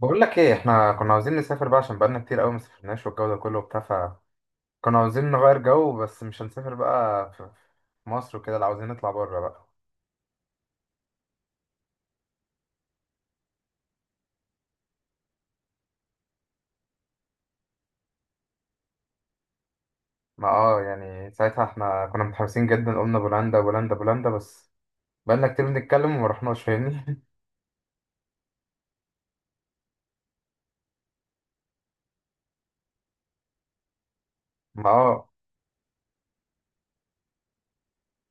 بقول لك ايه احنا كنا عاوزين نسافر بقى عشان بقالنا كتير قوي ما سافرناش والجو ده كله وبتاع فكنا عاوزين نغير جو بس مش هنسافر بقى في مصر وكده لا عاوزين نطلع بره بقى. ما اه يعني ساعتها احنا كنا متحمسين جدا قلنا بولندا بولندا بولندا بس بقالنا كتير بنتكلم وما رحناش فاهمني. ما اه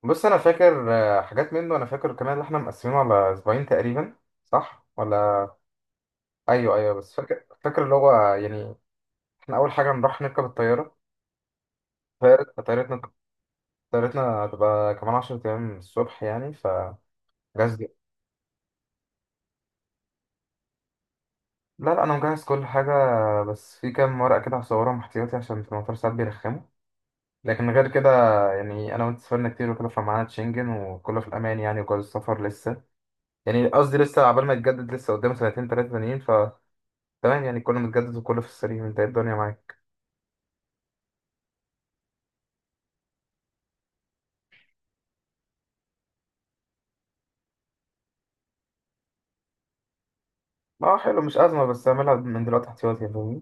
بص انا فاكر حاجات منه انا فاكر كمان اللي احنا مقسمينه على اسبوعين تقريبا، صح ولا؟ ايوه ايوه بس فاكر اللي هو يعني احنا اول حاجه نروح نركب الطياره. طيارة طيارتنا هتبقى كمان 10 أيام الصبح يعني فجاهز. لا لا، أنا مجهز كل حاجة بس في كام ورقة كده هصورهم احتياطي عشان في المطار ساعات بيرخموا، لكن غير كده يعني أنا وأنت سافرنا كتير وكده فمعانا شنجن وكله في الأمان يعني. وجواز السفر لسه يعني قصدي لسه عبال ما يتجدد، لسه قدامه سنتين تلاتة تانيين فتمام. يعني كله متجدد وكله في السليم، أنت إيه الدنيا معاك؟ اه حلو، مش أزمة بس أعملها من دلوقتي احتياطي فاهمني.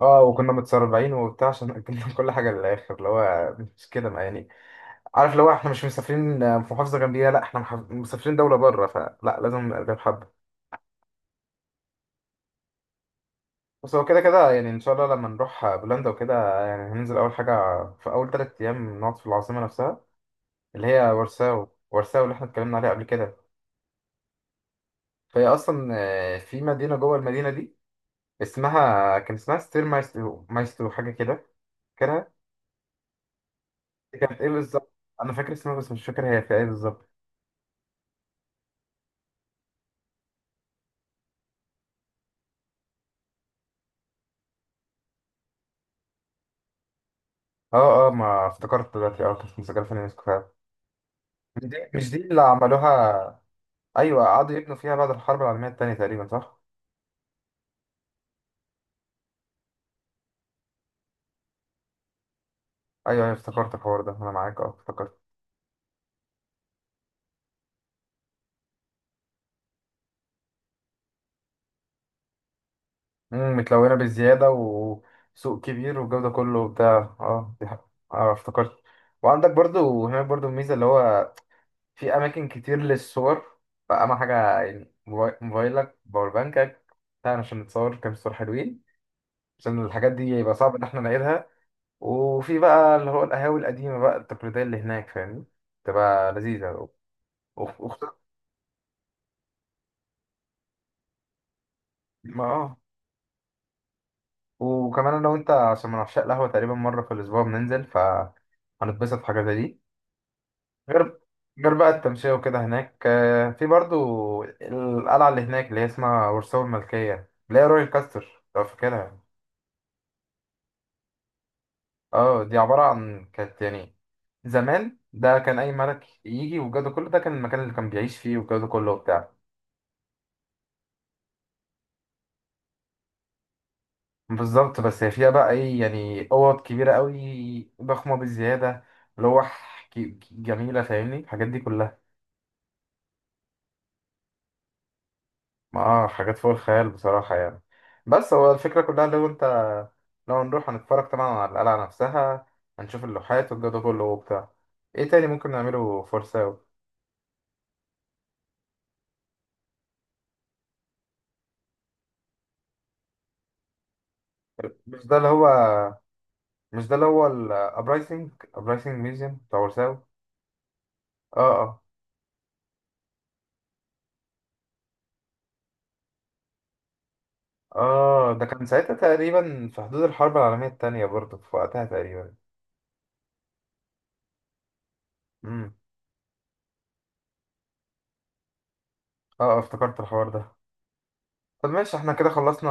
اه وكنا متسربعين وبتاع عشان أجلنا كل حاجة للآخر اللي هو مش كده، ما يعني عارف لو احنا مش مسافرين في محافظه جنبيها، لا احنا مسافرين دوله بره فلا لازم نبقى قلبها بحبه. بس هو كده كده يعني ان شاء الله لما نروح بولندا وكده يعني هننزل اول حاجه في اول 3 ايام نقعد في العاصمه نفسها اللي هي وارساو. وارساو اللي احنا اتكلمنا عليها قبل كده فهي اصلا في مدينه جوه المدينه دي اسمها، كان اسمها ستير مايسترو، مايسترو حاجه كده، فاكرها؟ دي كانت ايه بالظبط؟ انا فاكر اسمها بس مش فاكر هي في ايه بالظبط. اه اه، ما افتكرت دلوقتي. اه كانت مسجله في اليونسكو فعلا. مش دي، اللي عملوها. ايوه قعدوا يبنوا فيها بعد الحرب العالميه الثانيه تقريبا، صح؟ ايوه ايوه افتكرت الحوار ده، انا معاك اه افتكرت. متلونه بزياده وسوق كبير والجو ده كله وبتاع. اه دي حق، اه افتكرت. وعندك برضو هناك برضو الميزه اللي هو في اماكن كتير للصور، فاهم حاجه يعني؟ موبايلك، باور بانكك، بتاع عشان نتصور كام صور حلوين، عشان الحاجات دي يبقى صعب ان احنا نعيدها. وفي بقى اللي هو القهاوي القديمه بقى التقليديه اللي هناك فاهمني، تبقى لذيذه. وخصوصا ما اه وكمان انا وانت عشان من عشاق القهوه، تقريبا مره في الاسبوع بننزل فهنتبسط في حاجه زي دي. غير غير بقى التمشيه وكده هناك. في برضو القلعه اللي هناك اللي هي اسمها ورسوم الملكيه، اللي هي رويال كاستر لو فاكرها. اه دي عباره عن كانت يعني زمان، ده كان اي ملك يجي والجو ده كله، ده كان المكان اللي كان بيعيش فيه والجو ده كله وبتاع. بالظبط. بس هي فيها بقى ايه يعني، اوض كبيره قوي، ضخمه بزياده، لوح جميله فاهمني، الحاجات دي كلها. اه حاجات فوق الخيال بصراحة يعني. بس هو الفكرة كلها، لو انت لو هنروح هنتفرج طبعا على القلعة نفسها، هنشوف اللوحات والجو ده كله وبتاع. ايه تاني ممكن نعمله فرساو؟ مش ده اللي هو، مش ده اللي هو الابرايزنج، ابرايزنج ميوزيوم بتاع ورساو. اه اه. اه ده كان ساعتها تقريبا في حدود الحرب العالمية التانية برضه، في وقتها تقريبا. امم. اه افتكرت الحوار ده. طب ماشي احنا كده خلصنا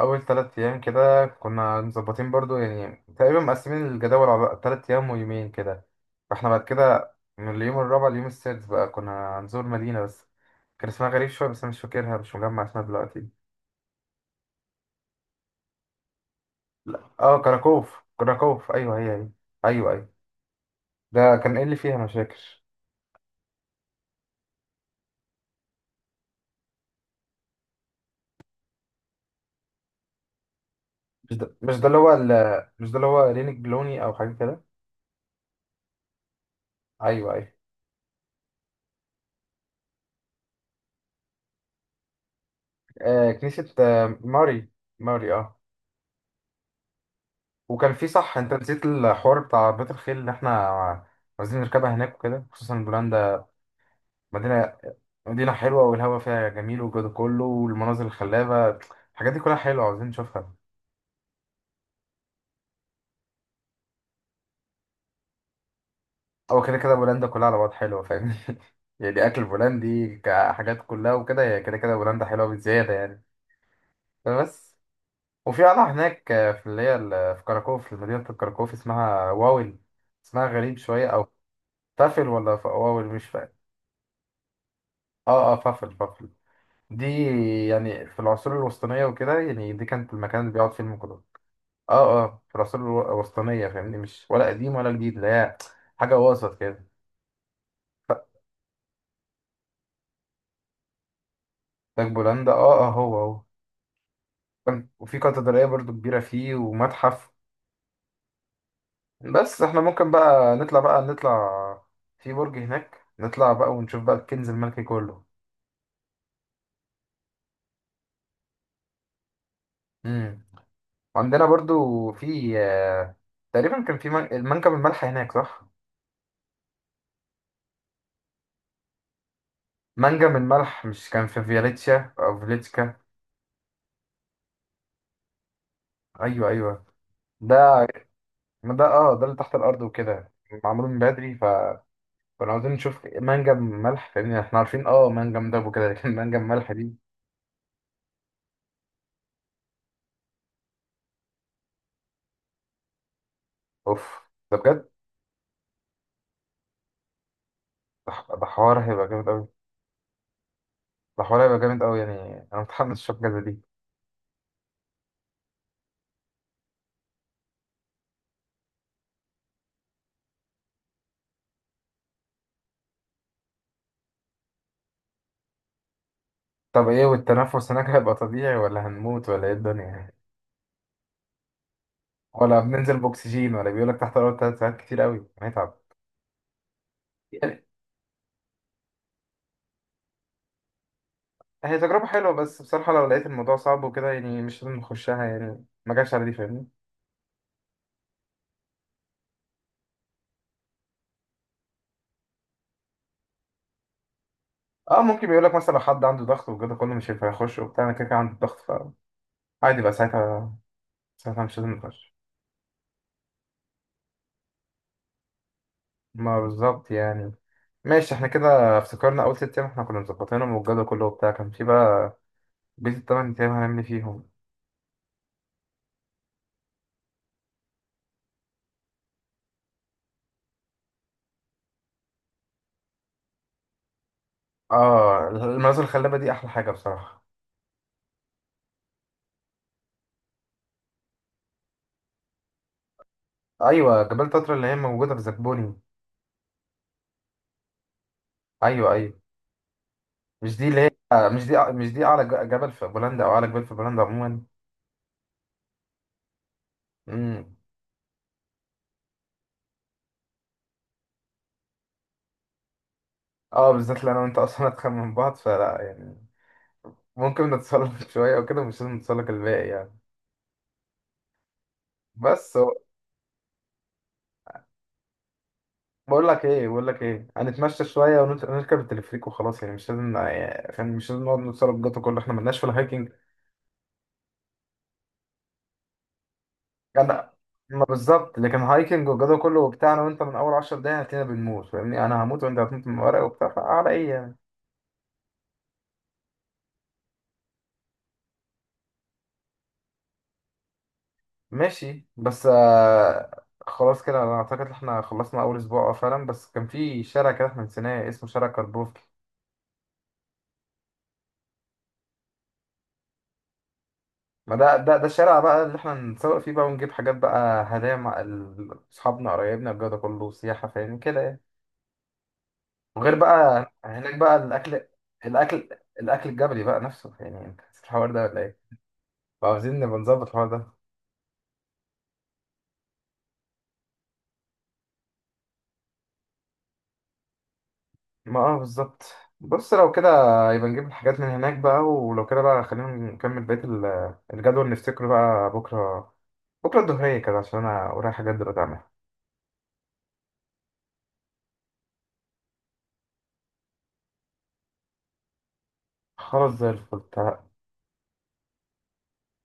اول 3 ايام كده، كنا مظبطين برضو يعني تقريبا مقسمين الجدول على 3 ايام ويومين كده. فاحنا بعد كده من اليوم الرابع لليوم السادس بقى كنا هنزور مدينة بس كان اسمها غريب شوية، بس انا مش فاكرها، مش مجمع اسمها دلوقتي. لا اه كراكوف، كراكوف ايوه هي هي. ايوه ايوه. ده كان ايه اللي فيها؟ انا مش فاكر. مش ده، اللي هو مش ده اللي هو رينيك بلوني او حاجة كده. ايوه ايوه. آه كنيسة آه ماري، ماري اه. وكان في، صح انت نسيت الحوار بتاع بيت الخيل اللي احنا عايزين نركبها هناك وكده، خصوصا بولندا. مدينة، مدينة حلوة والهواء فيها جميل والجو ده كله والمناظر الخلابة، الحاجات دي كلها حلوة عاوزين نشوفها. او كده كده بولندا كلها على بعض حلوة فاهمني. يعني اكل بولندي كحاجات كلها وكده، هي كده كده بولندا حلوة بزيادة يعني. فبس. وفي قلعة هناك في اللي هي في كراكوف، في مدينة كراكوف اسمها واول، اسمها غريب شوية، او فافل ولا واول مش فاهم. اه اه فافل فافل. دي يعني في العصور الوسطانية وكده يعني دي كانت المكان اللي بيقعد فيه المقدار. اه اه، في العصور الوسطانية فاهمني، مش ولا قديم ولا جديد، اللي هي حاجة وسط كده. تاج بولندا اه اه هو هو. وفي كاتدرائية برضو كبيرة فيه ومتحف. بس احنا ممكن بقى نطلع، بقى نطلع في برج هناك نطلع بقى ونشوف بقى الكنز الملكي كله. امم. عندنا برضو في تقريبا كان في منجم الملح هناك، صح؟ منجم الملح، مش كان في فياليتشا او فيليتشكا؟ ايوه ايوه. ده ما ده اه، ده اللي تحت الارض وكده، معمول من بدري فكنا عاوزين نشوف منجم ملح فاهمني، احنا عارفين اه منجم دب وكده لكن منجم ملح دي. اوف ده بجد. ده ده حوار هيبقى جامد قوي. ده حوار هيبقى جامد قوي يعني، انا متحمس اشوف الجازة دي. طب ايه، والتنفس هناك هيبقى طبيعي ولا هنموت ولا ايه الدنيا؟ ولا بننزل باكسجين؟ ولا بيقولك تحت الارض 3 ساعات كتير قوي هنتعب يعني. هي تجربة حلوة بس بصراحة لو لقيت الموضوع صعب وكده يعني مش لازم نخشها، يعني ما جاش على دي فاهمني. اه ممكن، بيقول لك مثلا لو حد عنده ضغط وكده كله مش هينفع يخش وبتاع، انا كده كده عندي الضغط فعادي بقى ساعتها، ساعتها مش لازم نخش. ما بالظبط يعني. ماشي احنا كده افتكرنا اول 6 ايام احنا كنا مظبطينهم والجدول كله وبتاع، كان في بقى بيت التمن ايام هنعمل إيه فيهم. اه المناظر الخلابه دي احلى حاجه بصراحه. ايوه جبال تترا اللي هي موجوده في زبوني. ايوه ايوه. مش دي اللي هي مش دي، اعلى جبل في بولندا او اعلى جبال في بولندا عموما؟ امم. اه بالذات اللي انا وانت اصلا اتخن من بعض فلا يعني، ممكن نتسلق شوية أو كده، مش لازم نتسلق الباقي يعني. بس هو- بقول لك إيه، بقول لك إيه، هنتمشى شوية ونركب التلفريك وخلاص يعني مش لازم يعني فاهم؟ مش لازم نقعد نتسلق جدا كله، إحنا ملناش في الهايكنج. أنا ما بالظبط، لكن هايكنج والجو كله وبتاع أنا وأنت من أول 10 دقايق هتلاقينا بنموت فاهمني، أنا هموت وأنت هتموت من ورق وبتاع، فعلى إيه يعني. ماشي بس آه خلاص كده أنا أعتقد إن إحنا خلصنا أول أسبوع آه فعلا، بس كان في شارع كده إحنا نسيناه اسمه شارع كاربوف. ما ده الشارع بقى اللي احنا نسوق فيه بقى ونجيب حاجات بقى هدايا مع اصحابنا قرايبنا، الجو ده كله سياحة فاهم كده يعني. وغير بقى هناك بقى الاكل، الاكل، الاكل الجبلي بقى نفسه، يعني انت نسيت الحوار ده ولا ايه؟ فعاوزين نبقى نظبط الحوار ده. ما اه بالظبط. بص لو كده يبقى نجيب الحاجات من هناك بقى. ولو كده بقى خلينا نكمل بقية الجدول نفتكره بقى بكرة، بكرة الظهرية كده عشان انا ورايا حاجات دلوقتي اعملها. خلاص زي الفل.